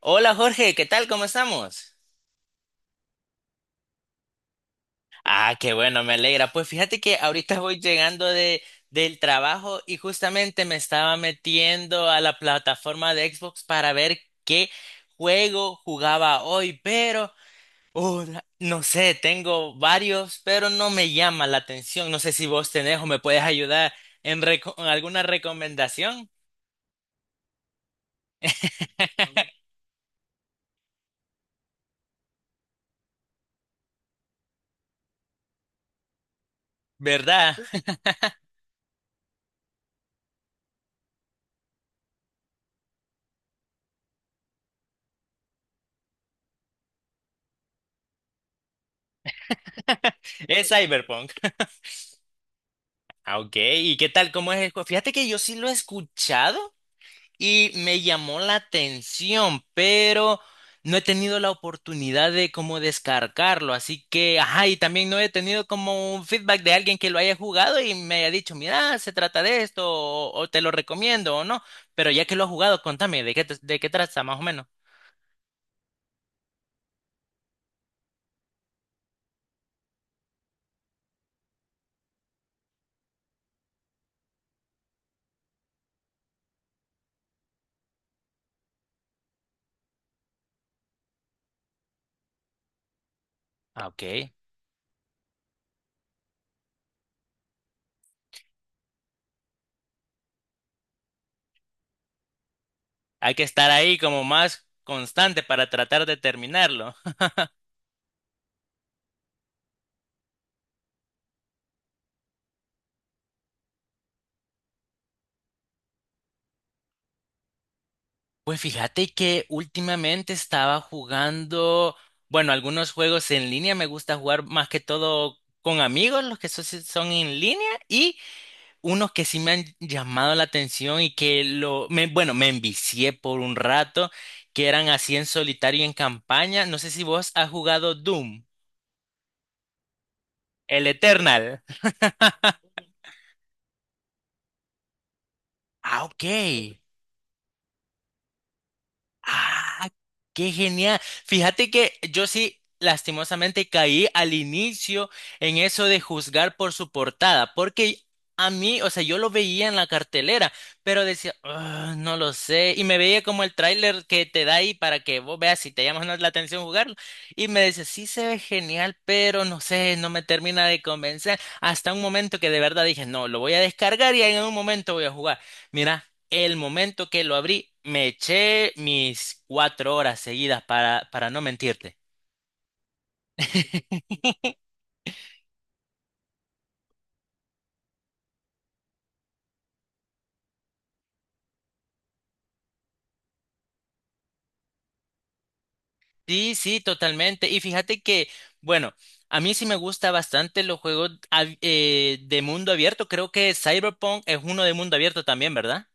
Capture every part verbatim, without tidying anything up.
Hola Jorge, ¿qué tal? ¿Cómo estamos? Ah, qué bueno, me alegra. Pues fíjate que ahorita voy llegando de, del trabajo y justamente me estaba metiendo a la plataforma de Xbox para ver qué juego jugaba hoy, pero oh, la- no sé, tengo varios, pero no me llama la atención. No sé si vos tenés o me puedes ayudar en reco- alguna recomendación, ¿verdad? Es Cyberpunk. Ah, ok, ¿y qué tal? ¿Cómo es el juego? Fíjate que yo sí lo he escuchado y me llamó la atención, pero no he tenido la oportunidad de como descargarlo, así que, ajá, y también no he tenido como un feedback de alguien que lo haya jugado y me haya dicho, mira, se trata de esto, o, o te lo recomiendo o no, pero ya que lo has jugado, contame, ¿de qué, te- ¿de qué trata más o menos? Ah, ok. Hay que estar ahí como más constante para tratar de terminarlo. Pues fíjate que últimamente estaba jugando, bueno, algunos juegos en línea, me gusta jugar más que todo con amigos, los que so- si- son en línea, y unos que sí me han llamado la atención y que lo, me, bueno, me envicié por un rato, que eran así en solitario y en campaña. No sé si vos has jugado Doom, el Eternal. Ah, ok. Ah, qué genial. Fíjate que yo sí, lastimosamente, caí al inicio en eso de juzgar por su portada, porque a mí, o sea, yo lo veía en la cartelera, pero decía, "Ah, no lo sé", y me veía como el tráiler que te da ahí para que vos veas si te llama o no la atención jugarlo, y me decía, sí se ve genial, pero no sé, no me termina de convencer, hasta un momento que de verdad dije, no, lo voy a descargar y en un momento voy a jugar. Mira. El momento que lo abrí, me eché mis cuatro horas seguidas para, para no mentirte. Sí, sí, totalmente. Y fíjate que, bueno, a mí sí me gusta bastante los juegos ab- eh, de mundo abierto. Creo que Cyberpunk es uno de mundo abierto también, ¿verdad?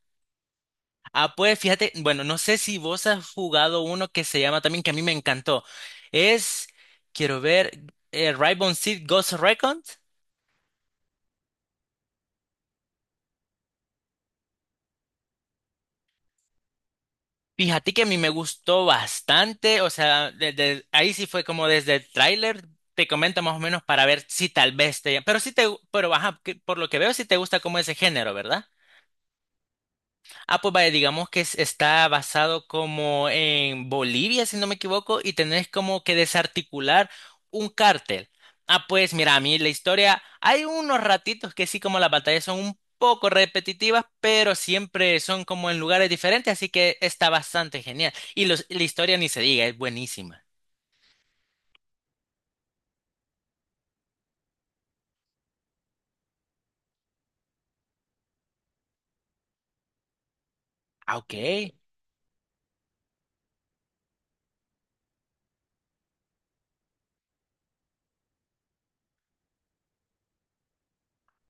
Ah, pues fíjate, bueno, no sé si vos has jugado uno que se llama también, que a mí me encantó. Es, quiero ver, eh, Rainbow Six Ghost Recon. Fíjate que a mí me gustó bastante, o sea, desde ahí sí fue como desde el tráiler, te comento más o menos para ver si tal vez te, pero sí te, pero ajá, que por lo que veo sí te gusta como ese género, ¿verdad? Ah, pues vaya, digamos que es- está basado como en Bolivia, si no me equivoco, y tenés como que desarticular un cártel. Ah, pues mira, a mí la historia, hay unos ratitos que sí como las batallas son un poco repetitivas, pero siempre son como en lugares diferentes, así que está bastante genial. Y los, la historia ni se diga, es buenísima. Ah, ok,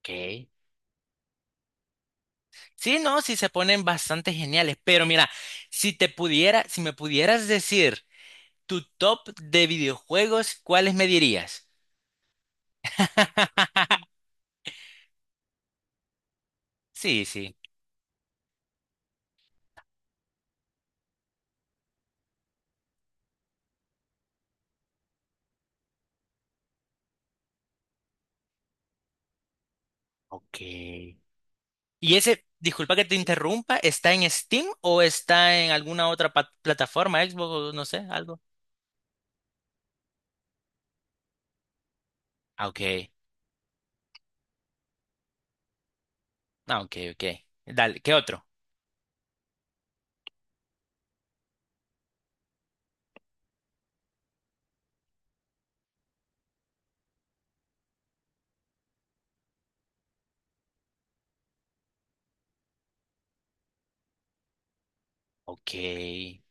ok. Sí, no, sí se ponen bastante geniales, pero mira, si te pudiera, si me pudieras decir… Tu top de videojuegos, ¿cuáles me dirías? Sí, sí. Ok. ¿Y ese, disculpa que te interrumpa, está en Steam o está en alguna otra pa- plataforma, Xbox o no sé, algo? Ah, ok. Ah, ok, ok. Dale, ¿qué otro? Ok.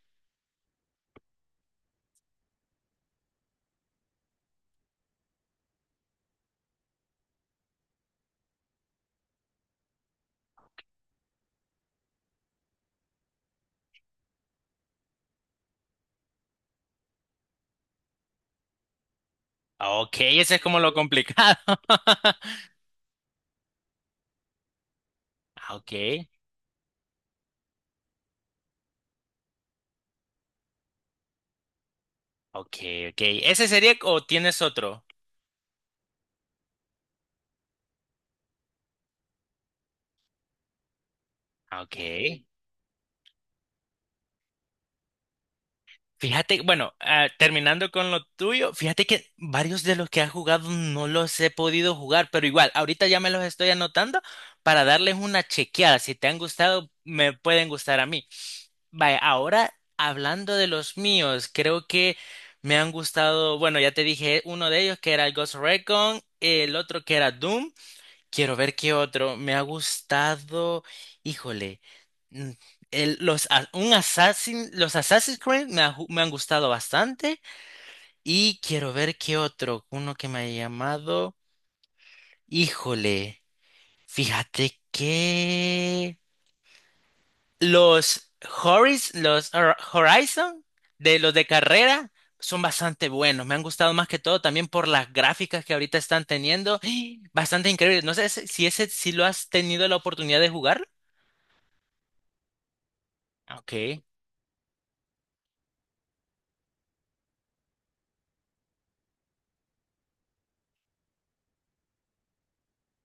Ah, ok, ese es como lo complicado. Ah, ok, ok, ok. ¿Ese sería o tienes otro? Ah, ok. Fíjate, bueno, ah, terminando con lo tuyo, fíjate que varios de los que has jugado no los he podido jugar, pero igual, ahorita ya me los estoy anotando para darles una chequeada. Si te han gustado, me pueden gustar a mí. Vaya, ahora hablando de los míos, creo que me han gustado, bueno, ya te dije uno de ellos que era el Ghost Recon, el otro que era Doom. Quiero ver qué otro. Me ha gustado. Híjole. mm, el- los, a- un Assassin, los Assassin's Creed me, ha ju- me han gustado bastante. Y quiero ver qué otro. Uno que me ha llamado. Híjole. Fíjate que. Los Horis, los Hor- Horizon, de los de carrera, son bastante buenos. Me han gustado más que todo también por las gráficas que ahorita están teniendo. Bastante increíble. No sé si si ese si lo has tenido la oportunidad de jugar. Ok.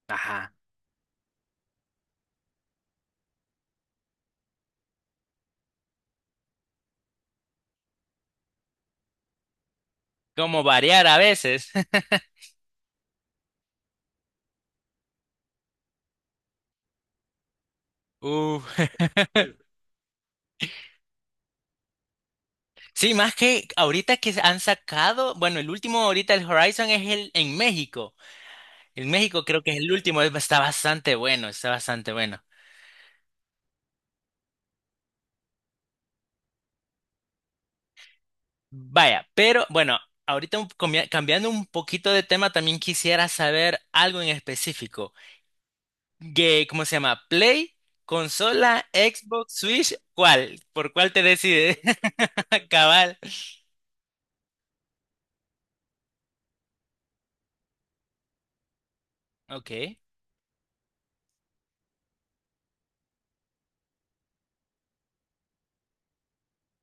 Ajá. Como variar a veces. Uh, sí, más que ahorita que han sacado, bueno, el último ahorita el Horizon es el en México. En México creo que es el último, es- está bastante bueno, está bastante bueno. Vaya, pero bueno, ahorita un- comia- cambiando un poquito de tema, también quisiera saber algo en específico. Que, ¿cómo se llama? Play, consola, Xbox, Switch, ¿cuál? ¿Por cuál te decides? Cabal. Ok.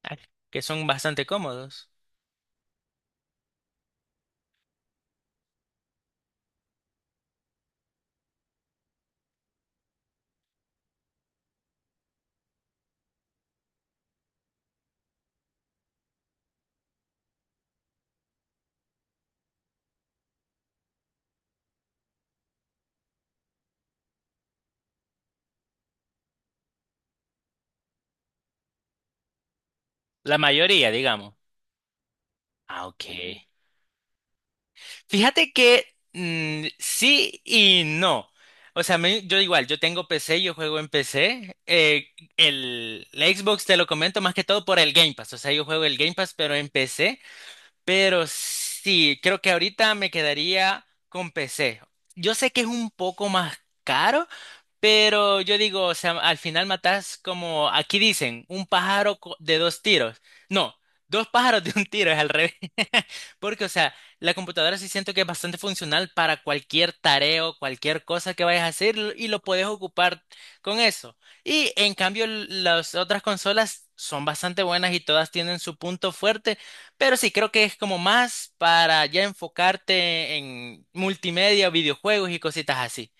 Ah, que son bastante cómodos. La mayoría, digamos. Ah, ok. Fíjate que mm, sí y no. O sea, me- yo igual, yo tengo P C, yo juego en P C. Eh, el, la Xbox te lo comento más que todo por el Game Pass. O sea, yo juego el Game Pass, pero en P C. Pero sí, creo que ahorita me quedaría con P C. Yo sé que es un poco más caro, pero yo digo, o sea, al final matas como aquí dicen, un pájaro co- de dos tiros. No, dos pájaros de un tiro, es al revés. Porque, o sea, la computadora sí siento que es bastante funcional para cualquier tarea o cualquier cosa que vayas a hacer l- y lo puedes ocupar con eso. Y en cambio, l- las otras consolas son bastante buenas y todas tienen su punto fuerte, pero sí creo que es como más para ya enfocarte en multimedia, videojuegos y cositas así.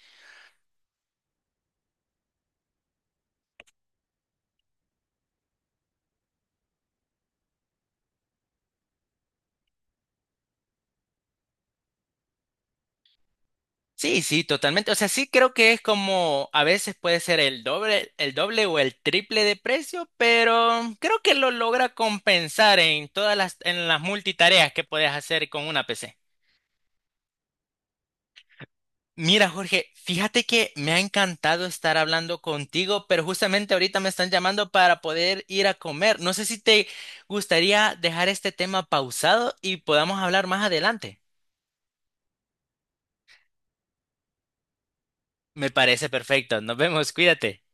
Sí, sí, totalmente. O sea, sí creo que es como a veces puede ser el doble, el doble o el triple de precio, pero creo que lo logra compensar en todas las, en las multitareas que puedes hacer con una P C. Mira, Jorge, fíjate que me ha encantado estar hablando contigo, pero justamente ahorita me están llamando para poder ir a comer. No sé si te gustaría dejar este tema pausado y podamos hablar más adelante. Me parece perfecto. Nos vemos, cuídate.